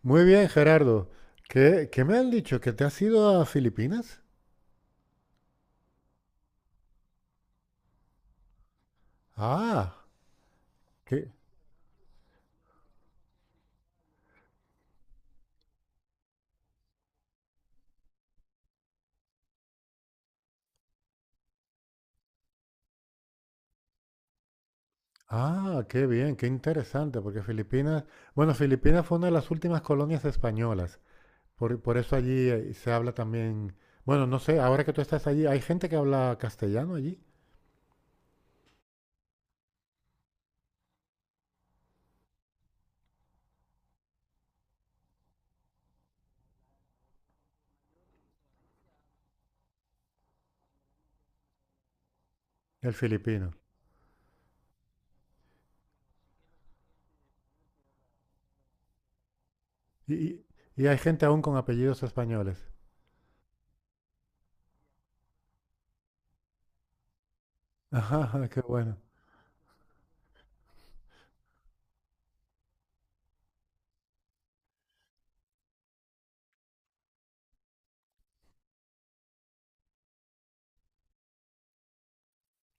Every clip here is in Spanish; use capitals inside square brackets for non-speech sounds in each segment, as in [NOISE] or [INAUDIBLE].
Muy bien, Gerardo. ¿Qué me han dicho? ¿Que te has ido a Filipinas? Ah, qué, ah, qué bien, qué interesante, porque Filipinas, bueno, Filipinas fue una de las últimas colonias españolas. Por eso allí se habla también, bueno, no sé, ahora que tú estás allí, ¿hay gente que habla castellano allí? El filipino. Y, y- y hay gente aún con apellidos españoles. [LAUGHS] Ajá, qué bueno.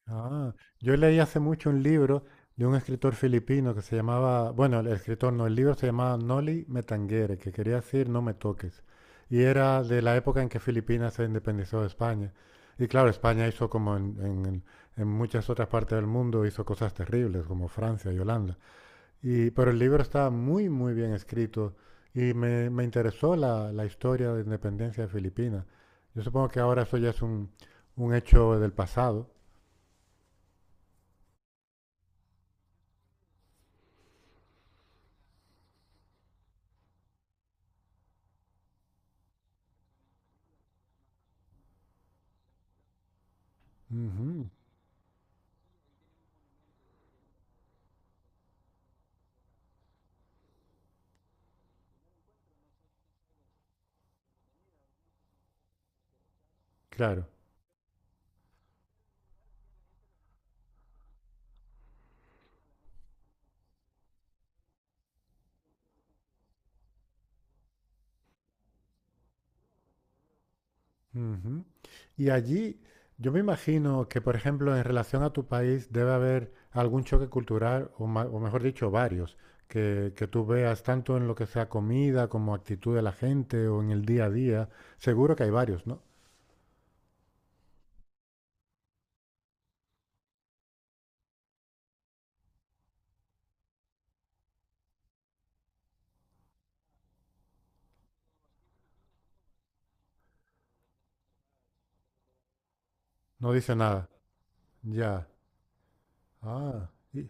Ah, yo leí hace mucho un libro de un escritor filipino que se llamaba, bueno, el escritor no, el libro se llamaba Noli me tangere, que quería decir no me toques. Y era de la época en que Filipinas se independizó de España. Y claro, España hizo como en en- muchas otras partes del mundo, hizo cosas terribles, como Francia y Holanda. Y pero el libro estaba muy, muy bien escrito y me interesó la historia de independencia de Filipinas. Yo supongo que ahora eso ya es un hecho del pasado. Ujú. Claro. Ujú. Y allí, yo me imagino que, por ejemplo, en relación a tu país, debe haber algún choque cultural, o, o mejor dicho, varios, que tú veas tanto en lo que sea comida como actitud de la gente o en el día a día. Seguro que hay varios, ¿no? No dice nada. Ya. Ah. y-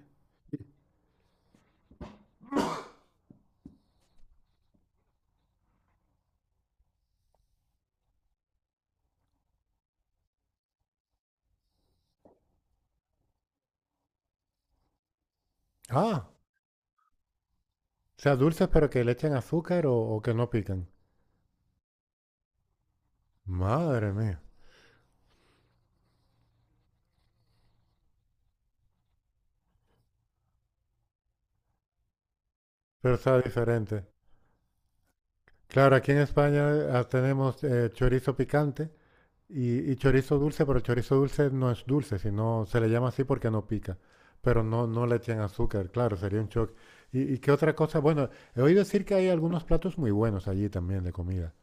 ah. O sea, dulces pero que le echen azúcar o que no pican. Madre mía. Pero sabe diferente. Claro, aquí en España tenemos chorizo picante. Y chorizo dulce, pero chorizo dulce no es dulce, sino se le llama así porque no pica. Pero no, no le echan azúcar, claro, sería un shock. Y qué otra cosa? Bueno, he oído decir que hay algunos platos muy buenos allí también de comida.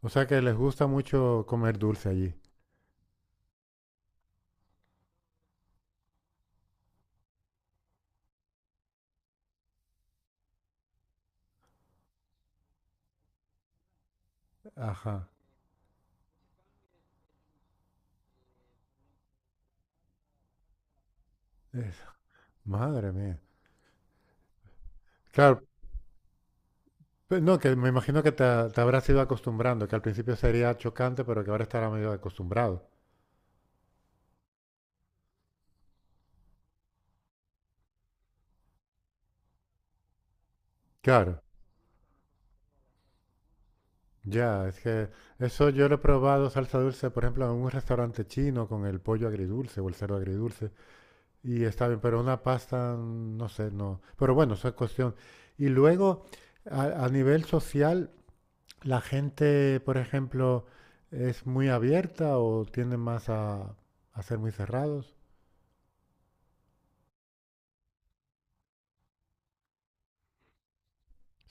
O sea que les gusta mucho comer dulce allí. Ajá. es- Madre mía. Claro, no, que me imagino que te habrás ido acostumbrando, que al principio sería chocante, pero que ahora estará medio acostumbrado. Claro. Ya, es que eso yo lo he probado salsa dulce, por ejemplo, en un restaurante chino con el pollo agridulce o el cerdo agridulce, y está bien, pero una pasta, mm, no sé, no. Pero bueno, eso es cuestión. Y luego, a nivel social, la gente, por ejemplo, es muy abierta o tiende más a ser muy cerrados.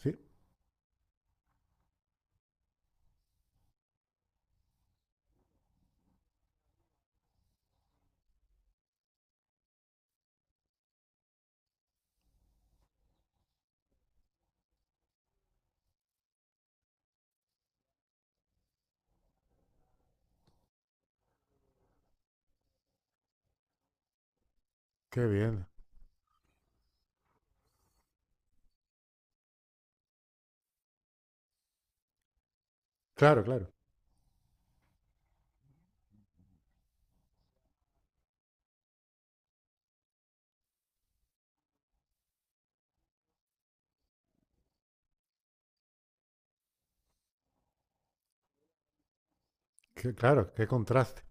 Sí, qué bien. Claro, claro. Claro, qué contraste.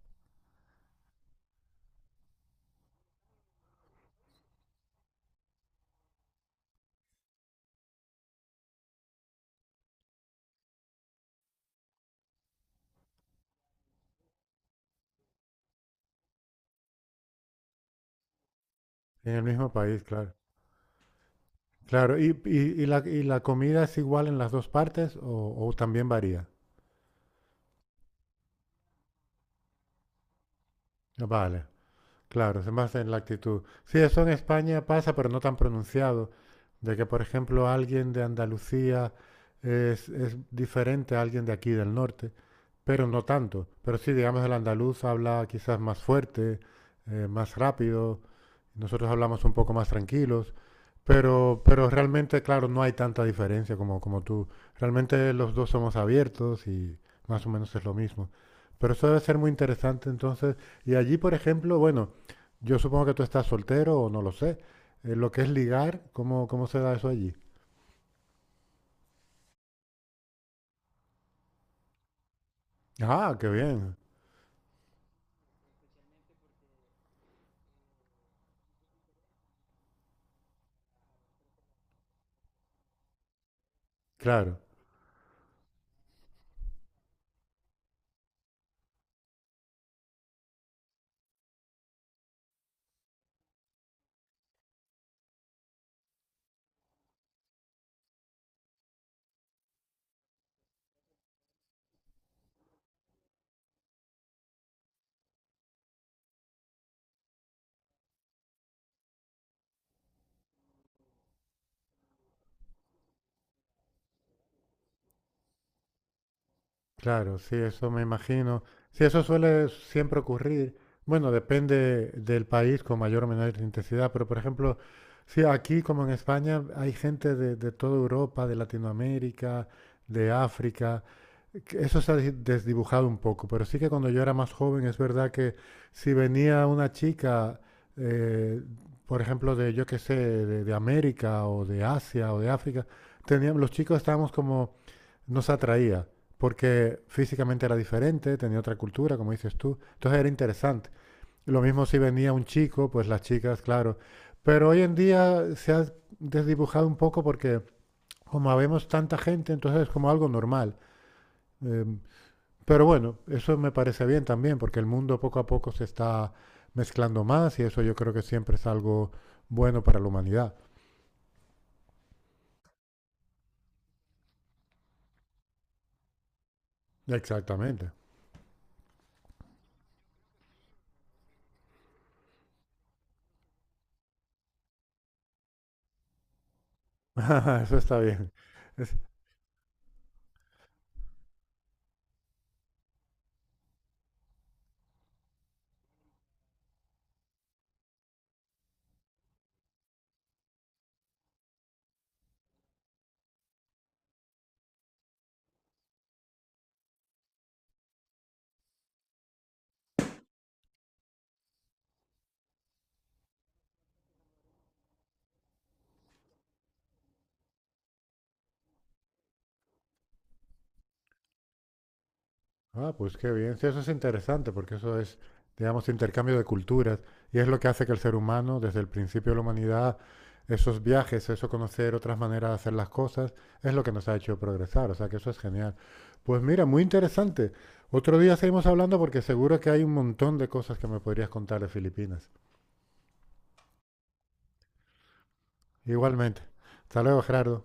En el mismo país, claro. Claro, y la comida es igual en las dos partes o también varía? Vale, claro, se basa en la actitud. Sí, eso en España pasa, pero no tan pronunciado de que, por ejemplo, alguien de Andalucía es diferente a alguien de aquí del norte, pero no tanto. Pero sí, digamos, el andaluz habla quizás más fuerte, más rápido, nosotros hablamos un poco más tranquilos, pero realmente, claro, no hay tanta diferencia como, como tú. Realmente los dos somos abiertos y más o menos es lo mismo. Pero eso debe ser muy interesante entonces. Y allí, por ejemplo, bueno, yo supongo que tú estás soltero o no lo sé. Lo que es ligar, ¿cómo, cómo se da eso allí? Ah, qué bien. Claro. Claro, sí, eso me imagino. Sí, eso suele siempre ocurrir. Bueno, depende del país con mayor o menor intensidad, pero por ejemplo, sí, aquí como en España hay gente de toda Europa, de Latinoamérica, de África. Que eso se ha desdibujado un poco, pero sí que cuando yo era más joven es verdad que si venía una chica, eh, por ejemplo, de yo qué sé, de América o de Asia o de África, teníamos, los chicos estábamos como, nos atraía porque físicamente era diferente, tenía otra cultura, como dices tú. Entonces era interesante. Lo mismo si venía un chico, pues las chicas, claro. Pero hoy en día se ha desdibujado un poco porque como habemos tanta gente, entonces es como algo normal. Eh, pero bueno, eso me parece bien también, porque el mundo poco a poco se está mezclando más y eso yo creo que siempre es algo bueno para la humanidad. Exactamente. [LAUGHS] Eso está bien. Ah, pues qué bien. Sí, eso es interesante porque eso es, digamos, intercambio de culturas y es lo que hace que el ser humano, desde el principio de la humanidad, esos viajes, eso conocer otras maneras de hacer las cosas, es lo que nos ha hecho progresar. O sea que eso es genial. Pues mira, muy interesante. Otro día seguimos hablando porque seguro que hay un montón de cosas que me podrías contar de Filipinas. Igualmente. Hasta luego, Gerardo.